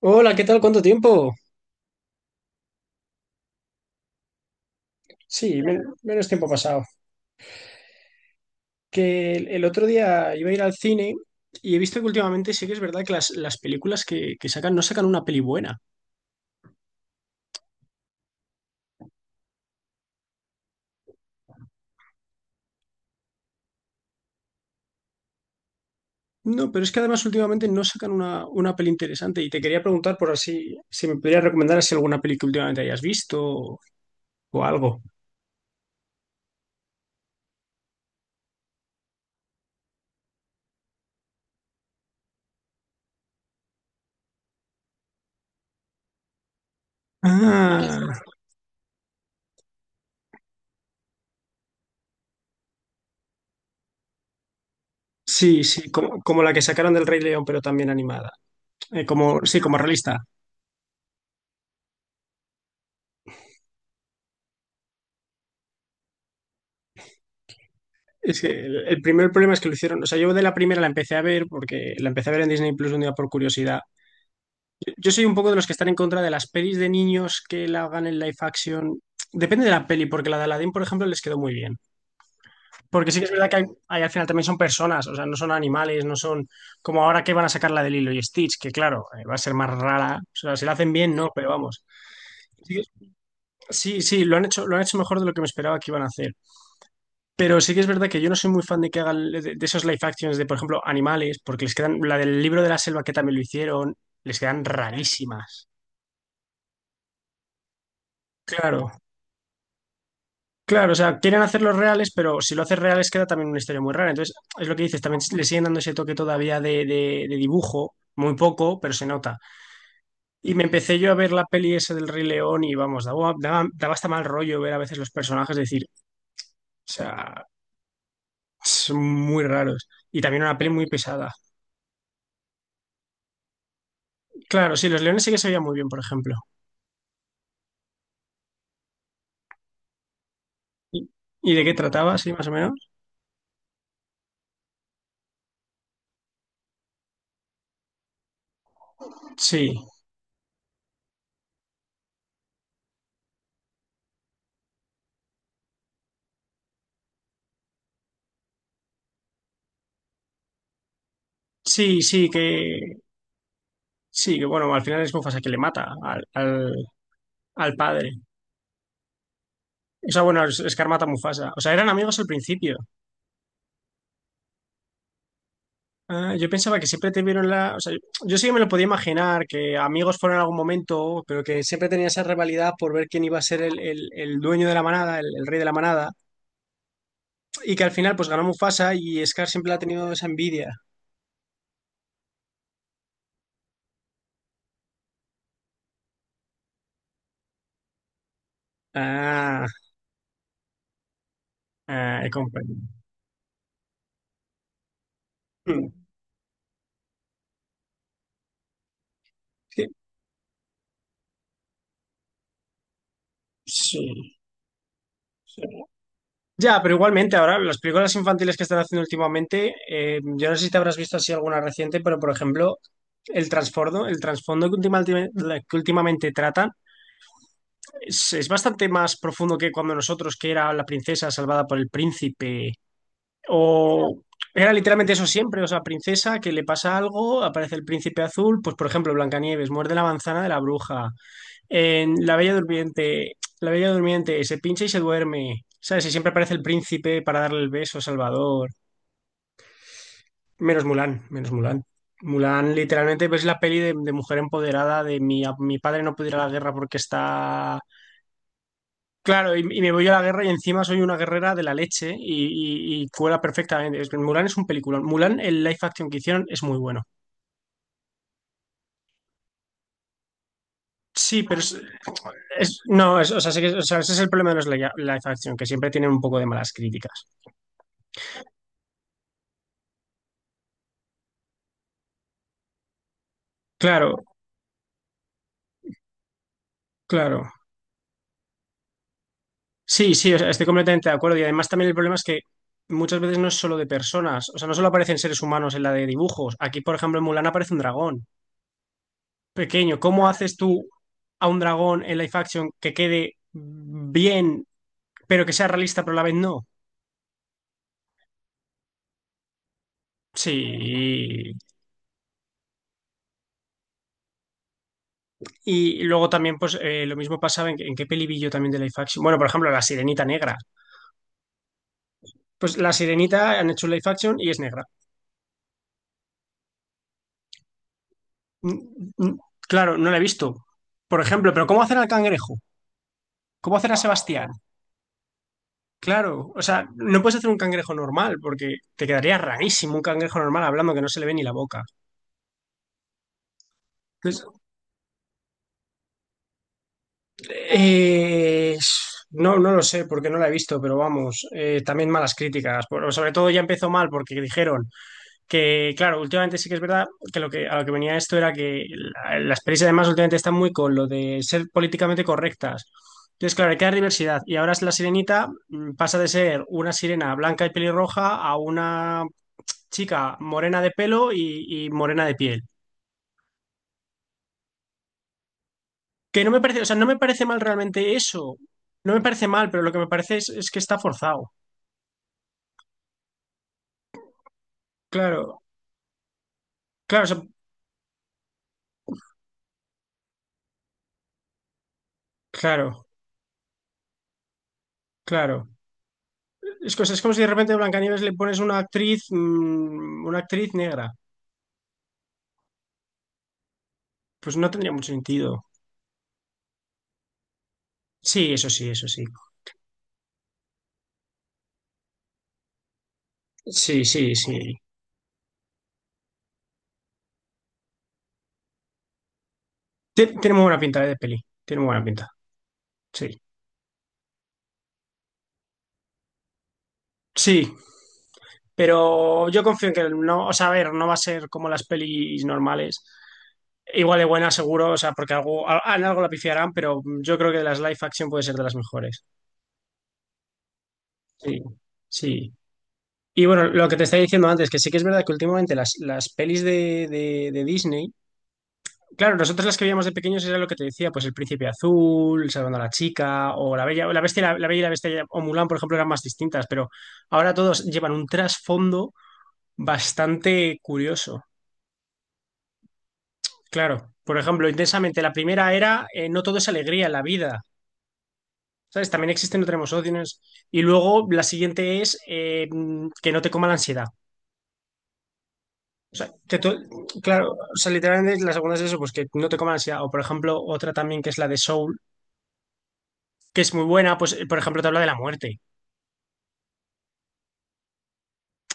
Hola, ¿qué tal? ¿Cuánto tiempo? Sí, menos tiempo ha pasado. Que el otro día iba a ir al cine y he visto que últimamente sí que es verdad que las películas que sacan no sacan una peli buena. No, pero es que además últimamente no sacan una peli interesante y te quería preguntar por así, si me podrías recomendar así alguna peli que últimamente hayas visto o algo. Ah, sí, sí, como la que sacaron del Rey León, pero también animada. Como, sí, como realista. Es que el primer problema es que lo hicieron. O sea, yo de la primera la empecé a ver porque la empecé a ver en Disney Plus un día por curiosidad. Yo soy un poco de los que están en contra de las pelis de niños que la hagan en live action. Depende de la peli, porque la de Aladdin, por ejemplo, les quedó muy bien. Porque sí que es verdad que hay al final también son personas, o sea, no son animales, no son como ahora que van a sacar la de Lilo y Stitch, que claro, va a ser más rara. O sea, si la hacen bien, no, pero vamos. Sí, sí, sí, lo han hecho mejor de lo que me esperaba que iban a hacer. Pero sí que es verdad que yo no soy muy fan de que hagan de esos live actions de, por ejemplo, animales, porque les quedan, la del libro de la selva que también lo hicieron, les quedan rarísimas. Claro, claro, o sea, quieren hacerlos reales, pero si lo haces reales queda también una historia muy rara. Entonces, es lo que dices, también le siguen dando ese toque todavía de dibujo, muy poco, pero se nota. Y me empecé yo a ver la peli esa del Rey León y vamos, daba hasta mal rollo ver a veces los personajes, decir, o sea, son muy raros. Y también una peli muy pesada. Claro, sí, los leones sí que se veían muy bien, por ejemplo. ¿Y de qué trataba, sí, más o menos? Sí, sí, sí, que bueno, al final es Mufasa que le mata al padre. O sea, bueno, Scar mata a Mufasa. O sea, eran amigos al principio. Ah, yo pensaba que siempre tuvieron la. O sea, yo sí que me lo podía imaginar, que amigos fueron en algún momento, pero que siempre tenía esa rivalidad por ver quién iba a ser el dueño de la manada, el rey de la manada. Y que al final, pues ganó Mufasa y Scar siempre ha tenido esa envidia. Ah, ah, he comprendido. Hmm. Sí. Sí. Sí. Ya, pero igualmente ahora las películas infantiles que están haciendo últimamente, yo no sé si te habrás visto así alguna reciente, pero por ejemplo, el trasfondo que últimamente tratan es bastante más profundo que cuando nosotros, que era la princesa salvada por el príncipe, o era literalmente eso siempre, o sea, princesa que le pasa algo, aparece el príncipe azul, pues por ejemplo, Blancanieves muerde la manzana de la bruja. En La Bella Durmiente, La Bella Durmiente se pincha y se duerme. ¿Sabes? Y siempre aparece el príncipe para darle el beso a Salvador. Menos Mulan, menos Mulan. Mulan, literalmente, pues, es la peli de mujer empoderada, de mi, a- mi padre no pudiera la guerra porque está. Claro, y me voy a la guerra y encima soy una guerrera de la leche y cuela perfectamente. Es que Mulan es un peliculón. Mulan, el live action que hicieron es muy bueno. Sí, pero es- no, es- o sea, sí que- o sea, ese es el problema de los live action, que siempre tienen un poco de malas críticas. Claro, claro. Sí, sí, o sea, estoy completamente de acuerdo. Y además también el problema es que muchas veces no es solo de personas, o sea, no solo aparecen seres humanos en la de dibujos. Aquí, por ejemplo, en Mulan aparece un dragón pequeño. ¿Cómo haces tú a un dragón en live action que quede bien, pero que sea realista, pero a la vez no? Sí. Y luego también, pues, lo mismo pasaba en qué peli vi yo también de live action. Bueno, por ejemplo, La Sirenita Negra. Pues La Sirenita han hecho un live action y es negra. Mm, mm. Claro, no la he visto. Por ejemplo, pero ¿cómo hacer al cangrejo? ¿Cómo hacer a Sebastián? Claro, o sea, no puedes hacer un cangrejo normal porque te quedaría rarísimo un cangrejo normal hablando que no se le ve ni la boca. Entonces, eh, no, no lo sé porque no la he visto, pero vamos, también malas críticas. Por- sobre todo ya empezó mal porque dijeron que, claro, últimamente sí que es verdad que, lo que a lo que venía esto era que las pelis además últimamente están muy con lo de ser políticamente correctas. Entonces, claro, hay que dar diversidad. Y ahora es la sirenita mm, pasa de ser una sirena blanca y pelirroja a una chica morena de pelo y morena de piel. Que no me parece, o sea, no me parece mal realmente eso. No me parece mal, pero lo que me parece es que está forzado. Claro, claro, o sea, claro, claro. Es, es como si de repente a Blancanieves le pones una actriz, mm, una actriz negra. Pues no tendría mucho sentido. Sí, eso sí, eso sí. Sí, sí, sí. Tiene muy buena pinta, de peli. Tiene muy buena pinta. Sí. Sí, pero yo confío en que no, o sea, a ver, no va a ser como las pelis normales. Igual de buena, seguro, o sea, porque algo, en algo la pifiarán, pero yo creo que de las live action puede ser de las mejores. Sí, sí. Y bueno, lo que te estaba diciendo antes, que sí que es verdad que últimamente las pelis de Disney, claro, nosotros las que veíamos de pequeños era lo que te decía, pues El Príncipe Azul, Salvando a la Chica, o La Bella, la Bestia, y la Bella y la Bestia, o Mulan, por ejemplo, eran más distintas, pero ahora todos llevan un trasfondo bastante curioso. Claro, por ejemplo, intensamente, la primera era no todo es alegría en la vida. ¿Sabes? También existen, otros emociones. Y luego la siguiente es que no te coma la ansiedad. Que tú- claro, o sea, literalmente la segunda es eso, pues que no te coma la ansiedad. O por ejemplo, otra también que es la de Soul, que es muy buena, pues por ejemplo te habla de la muerte.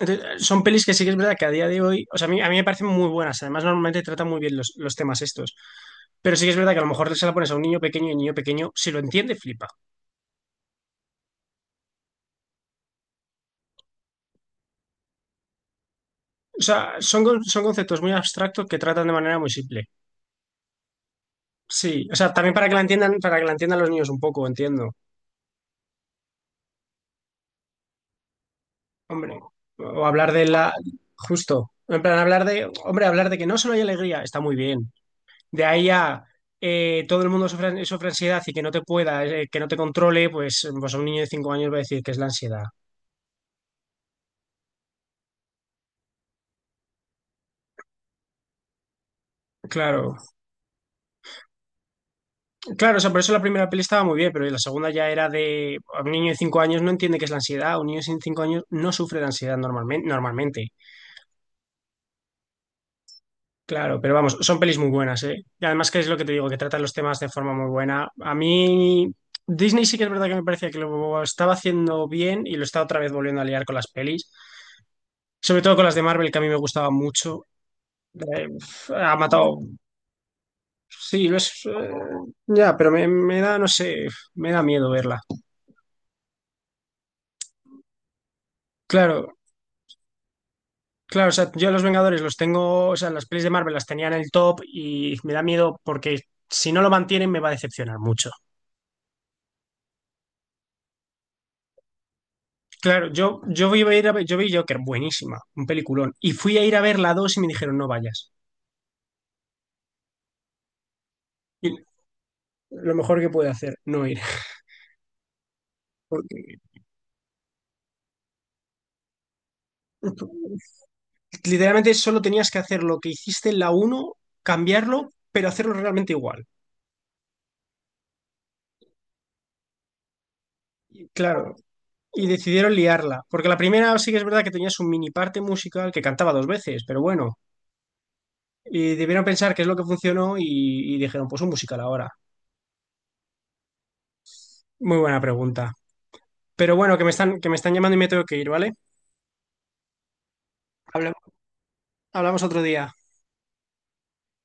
Entonces, son pelis que sí que es verdad que a día de hoy, o sea, a mí me parecen muy buenas. Además, normalmente tratan muy bien los temas estos. Pero sí que es verdad que a lo mejor se la pones a un niño pequeño y el niño pequeño, si lo entiende, flipa. O sea, son, son conceptos muy abstractos que tratan de manera muy simple. Sí, o sea, también para que la entiendan, para que la entiendan los niños un poco, entiendo. Hombre, o hablar de la, justo, en plan hablar de, hombre, hablar de que no solo hay alegría, está muy bien. De ahí a todo el mundo sufre, sufre ansiedad y que no te pueda, que no te controle, pues, a un niño de 5 años va a decir que es la ansiedad. Claro, claro, o sea, por eso la primera peli estaba muy bien, pero la segunda ya era de, a un niño de cinco años no entiende qué es la ansiedad, un niño sin 5 años no sufre de ansiedad normalmente, normalmente. Claro, pero vamos, son pelis muy buenas, ¿eh? Y además que es lo que te digo, que tratan los temas de forma muy buena. A mí, Disney sí que es verdad que me parecía que lo estaba haciendo bien y lo está otra vez volviendo a liar con las pelis, sobre todo con las de Marvel, que a mí me gustaba mucho. Uf, ha matado, sí, lo es, ya, pero me da, no sé, me da miedo verla. Claro, claro, o sea, yo a los Vengadores los tengo, o sea, las pelis de Marvel las tenía en el top y me da miedo porque si no lo mantienen me va a decepcionar mucho. Claro, yo, iba a ir a ver, yo vi Joker, buenísima, un peliculón. Y fui a ir a ver la 2 y me dijeron, no vayas. Y lo mejor que puede hacer, no ir. Porque literalmente solo tenías que hacer lo que hiciste en la uno, cambiarlo, pero hacerlo realmente igual. Y claro, y decidieron liarla. Porque la primera sí que es verdad que tenías un mini parte musical que cantaba dos veces, pero bueno. Y debieron pensar qué es lo que funcionó y dijeron, pues un musical ahora. Muy buena pregunta. Pero bueno, que me están llamando y me tengo que ir, ¿vale? Habla- Hablamos otro día.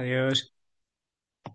Adiós.